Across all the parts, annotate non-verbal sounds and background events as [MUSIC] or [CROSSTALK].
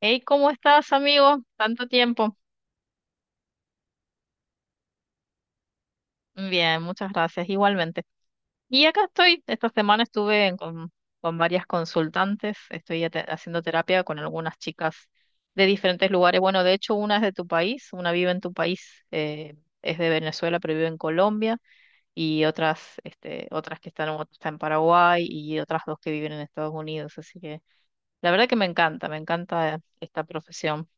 Hey, ¿cómo estás, amigo? Tanto tiempo. Bien, muchas gracias, igualmente. Y acá estoy, esta semana estuve con varias consultantes, estoy haciendo terapia con algunas chicas de diferentes lugares. Bueno, de hecho, una es de tu país, una vive en tu país, es de Venezuela, pero vive en Colombia, y otras, este, otras que están, otra está en Paraguay y otras dos que viven en Estados Unidos. Así que la verdad que me encanta esta profesión.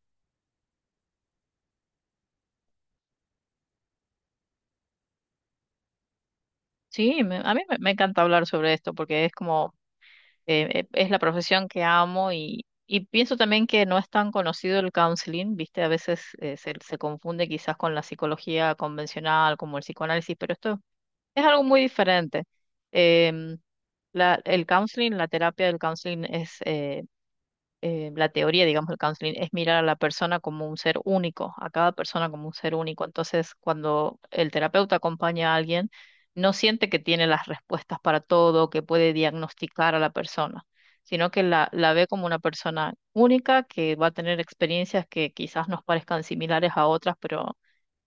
Sí, a mí me encanta hablar sobre esto porque es como es la profesión que amo y pienso también que no es tan conocido el counseling, ¿viste? A veces se confunde quizás con la psicología convencional, como el psicoanálisis, pero esto es algo muy diferente. Em, el counseling, la terapia del counseling es la teoría, digamos, del counseling es mirar a la persona como un ser único, a cada persona como un ser único. Entonces, cuando el terapeuta acompaña a alguien, no siente que tiene las respuestas para todo, que puede diagnosticar a la persona, sino que la ve como una persona única que va a tener experiencias que quizás nos parezcan similares a otras, pero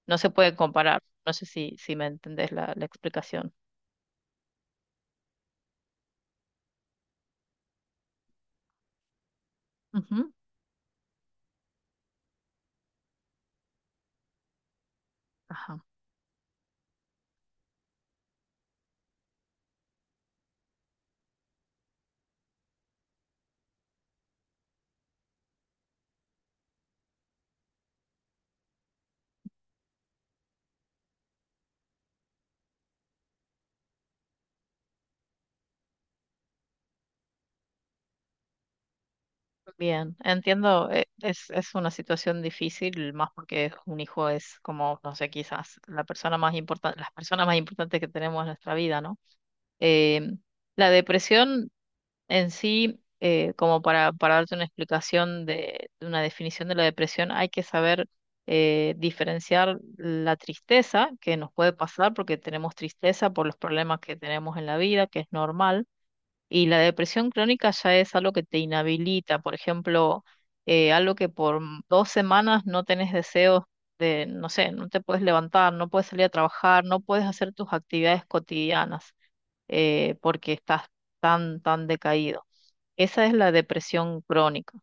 no se pueden comparar. No sé si, si me entendés la, la explicación. Ujú. Ajá. Bien, entiendo, es una situación difícil, más porque un hijo es como, no sé, quizás la persona más importante, las personas más importantes que tenemos en nuestra vida, ¿no? Eh, la depresión en sí, como para darte una explicación de una definición de la depresión, hay que saber diferenciar la tristeza que nos puede pasar porque tenemos tristeza por los problemas que tenemos en la vida, que es normal, y la depresión crónica ya es algo que te inhabilita, por ejemplo, algo que por 2 semanas no tenés deseos de, no sé, no te puedes levantar, no puedes salir a trabajar, no puedes hacer tus actividades cotidianas porque estás tan, tan decaído. Esa es la depresión crónica.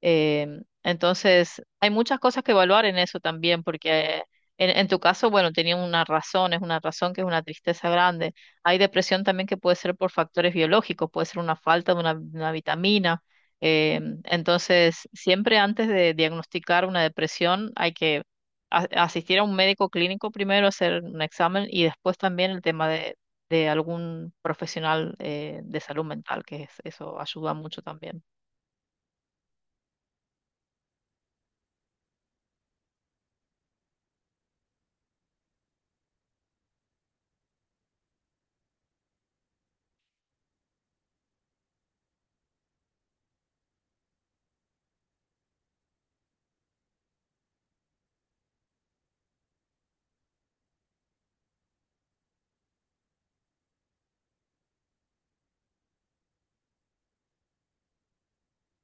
Entonces, hay muchas cosas que evaluar en eso también, porque en tu caso, bueno, tenía una razón, es una razón que es una tristeza grande. Hay depresión también que puede ser por factores biológicos, puede ser una falta de una vitamina. Entonces, siempre antes de diagnosticar una depresión, hay que asistir a un médico clínico primero, hacer un examen y después también el tema de algún profesional de salud mental, eso ayuda mucho también.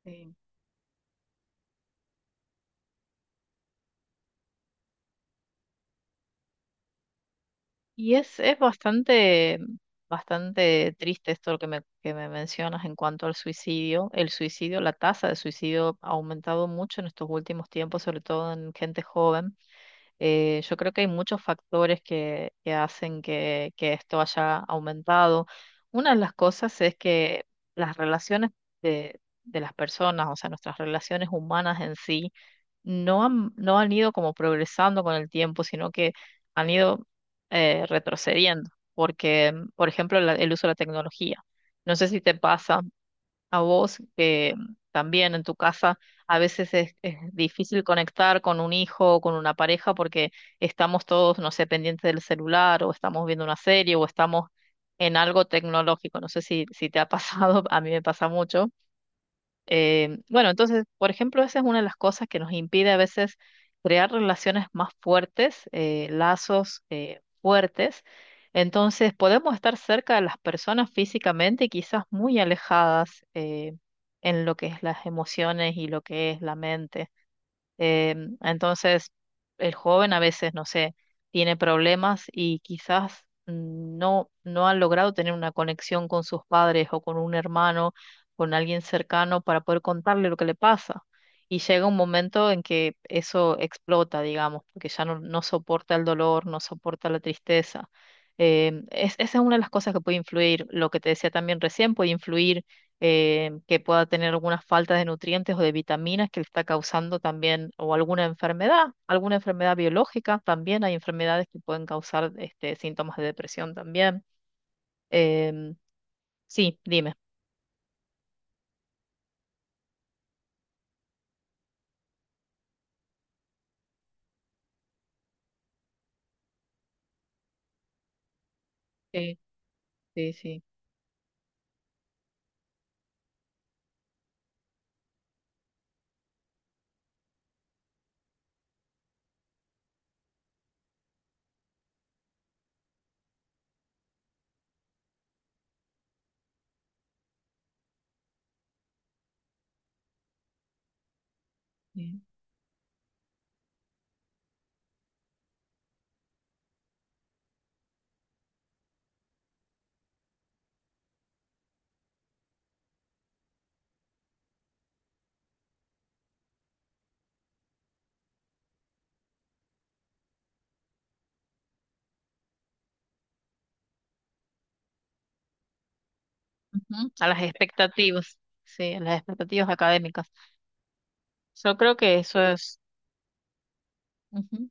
Sí. Y es bastante, bastante triste esto lo que me mencionas en cuanto al suicidio. El suicidio, la tasa de suicidio ha aumentado mucho en estos últimos tiempos, sobre todo en gente joven. Yo creo que hay muchos factores que hacen que esto haya aumentado. Una de las cosas es que las relaciones de las personas, o sea, nuestras relaciones humanas en sí, no han, no han ido como progresando con el tiempo, sino que han ido retrocediendo, porque, por ejemplo, el uso de la tecnología. No sé si te pasa a vos, que también en tu casa a veces es difícil conectar con un hijo o con una pareja porque estamos todos, no sé, pendientes del celular o estamos viendo una serie o estamos en algo tecnológico. No sé si, si te ha pasado, [LAUGHS] a mí me pasa mucho. Bueno, entonces, por ejemplo, esa es una de las cosas que nos impide a veces crear relaciones más fuertes, lazos fuertes. Entonces, podemos estar cerca de las personas físicamente y quizás muy alejadas en lo que es las emociones y lo que es la mente. Eh, entonces, el joven a veces, no sé, tiene problemas y quizás no, no han logrado tener una conexión con sus padres o con un hermano, con alguien cercano para poder contarle lo que le pasa. Y llega un momento en que eso explota, digamos, porque ya no, no soporta el dolor, no soporta la tristeza. Esa es una de las cosas que puede influir. Lo que te decía también recién puede influir que pueda tener alguna falta de nutrientes o de vitaminas que le está causando también, o alguna enfermedad biológica también, hay enfermedades que pueden causar este, síntomas de depresión también. Em, sí, dime. Sí, sí, sí. Sí. Ujú. A las expectativas, sí, a las expectativas académicas. Yo creo que eso es... Ujú.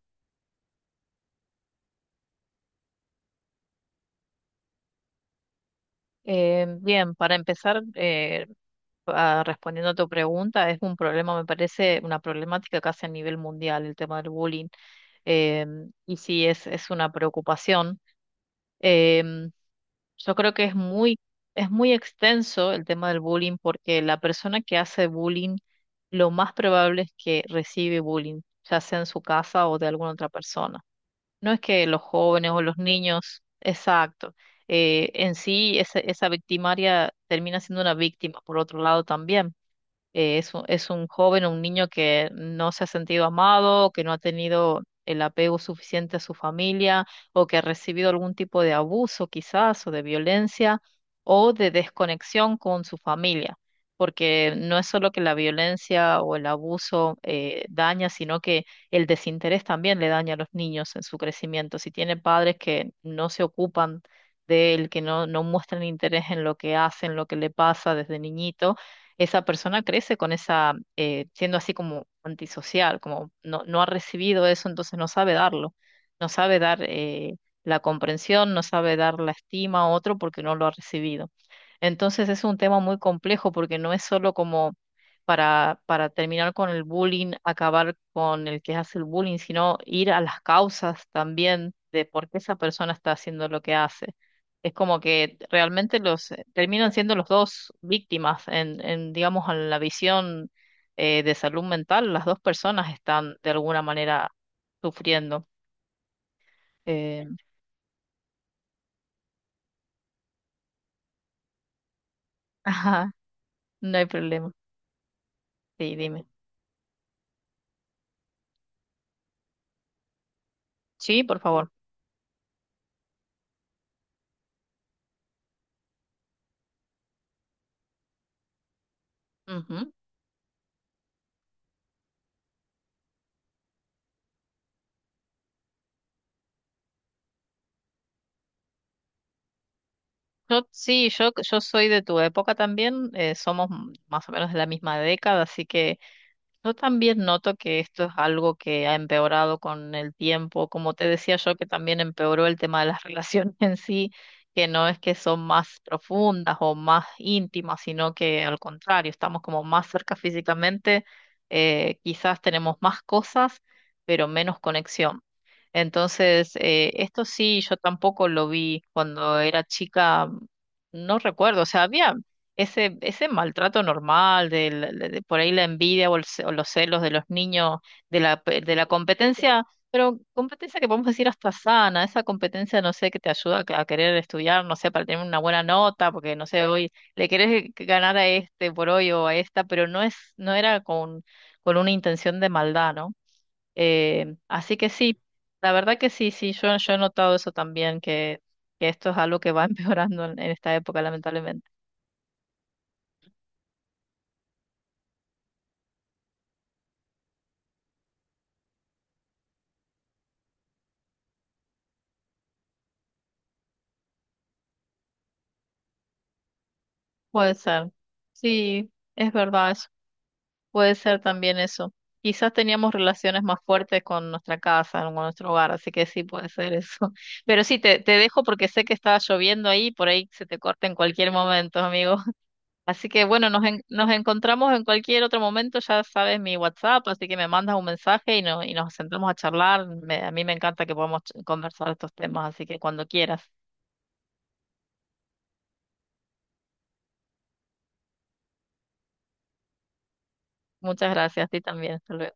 Bien, para empezar, respondiendo a tu pregunta, es un problema, me parece, una problemática casi a nivel mundial, el tema del bullying. Y sí es una preocupación. Em, yo creo que es muy extenso el tema del bullying porque la persona que hace bullying, lo más probable es que recibe bullying, ya sea en su casa o de alguna otra persona. No es que los jóvenes o los niños, exacto. En sí, esa victimaria termina siendo una víctima, por otro lado también es un joven o un niño que no se ha sentido amado, que no ha tenido el apego suficiente a su familia o que ha recibido algún tipo de abuso quizás o de violencia o de desconexión con su familia. Porque no es solo que la violencia o el abuso daña, sino que el desinterés también le daña a los niños en su crecimiento. Si tiene padres que no se ocupan de él, que no, no muestran interés en lo que hacen, lo que le pasa desde niñito, esa persona crece con esa, siendo así como antisocial, como no, no ha recibido eso, entonces no sabe darlo, no sabe dar la comprensión, no sabe dar la estima a otro porque no lo ha recibido. Entonces es un tema muy complejo porque no es solo como para terminar con el bullying, acabar con el que hace el bullying, sino ir a las causas también de por qué esa persona está haciendo lo que hace, es como que realmente los terminan siendo los dos víctimas en digamos, en la visión de salud mental. Las dos personas están de alguna manera sufriendo. Eh, [LAUGHS] ajá, no hay problema. Sí, dime. Sí, por favor. Ujú. Yo, sí, yo soy de tu época también. Somos más o menos de la misma década, así que yo también noto que esto es algo que ha empeorado con el tiempo, como te decía yo, que también empeoró el tema de las [LAUGHS] relaciones en sí, que no es que son más profundas o más íntimas, sino que al contrario, estamos como más cerca físicamente, quizás tenemos más cosas, pero menos conexión. Entonces, esto sí, yo tampoco lo vi cuando era chica, no recuerdo, o sea, había ese, ese maltrato normal, de por ahí la envidia o, o los celos de los niños, de la, de la competencia, pero competencia que podemos decir hasta sana, esa competencia, no sé, que te ayuda a, a querer estudiar, no sé, para tener una buena nota, porque no sé, hoy le querés ganar a este por hoy o a esta, pero no es, no era con una intención de maldad, ¿no? Así que sí, la verdad que sí, sí, yo he notado eso también, que esto es algo que va [LAUGHS] empeorando en esta época, lamentablemente. Puede ser. Sí, es verdad eso. Puede ser también eso. Quizás teníamos relaciones más fuertes con nuestra casa, con nuestro hogar, así que sí puede ser eso. [LAUGHS] Pero sí, te dejo porque sé que está lloviendo ahí, por ahí se te corta en cualquier momento, amigo. [LAUGHS] Así que bueno, nos, nos encontramos en cualquier otro momento, ya sabes mi WhatsApp, así que me mandas un mensaje y, no, y nos sentamos a charlar. A mí me encanta que podamos conversar estos temas, así que cuando quieras. Muchas gracias, a ti también. Hasta luego.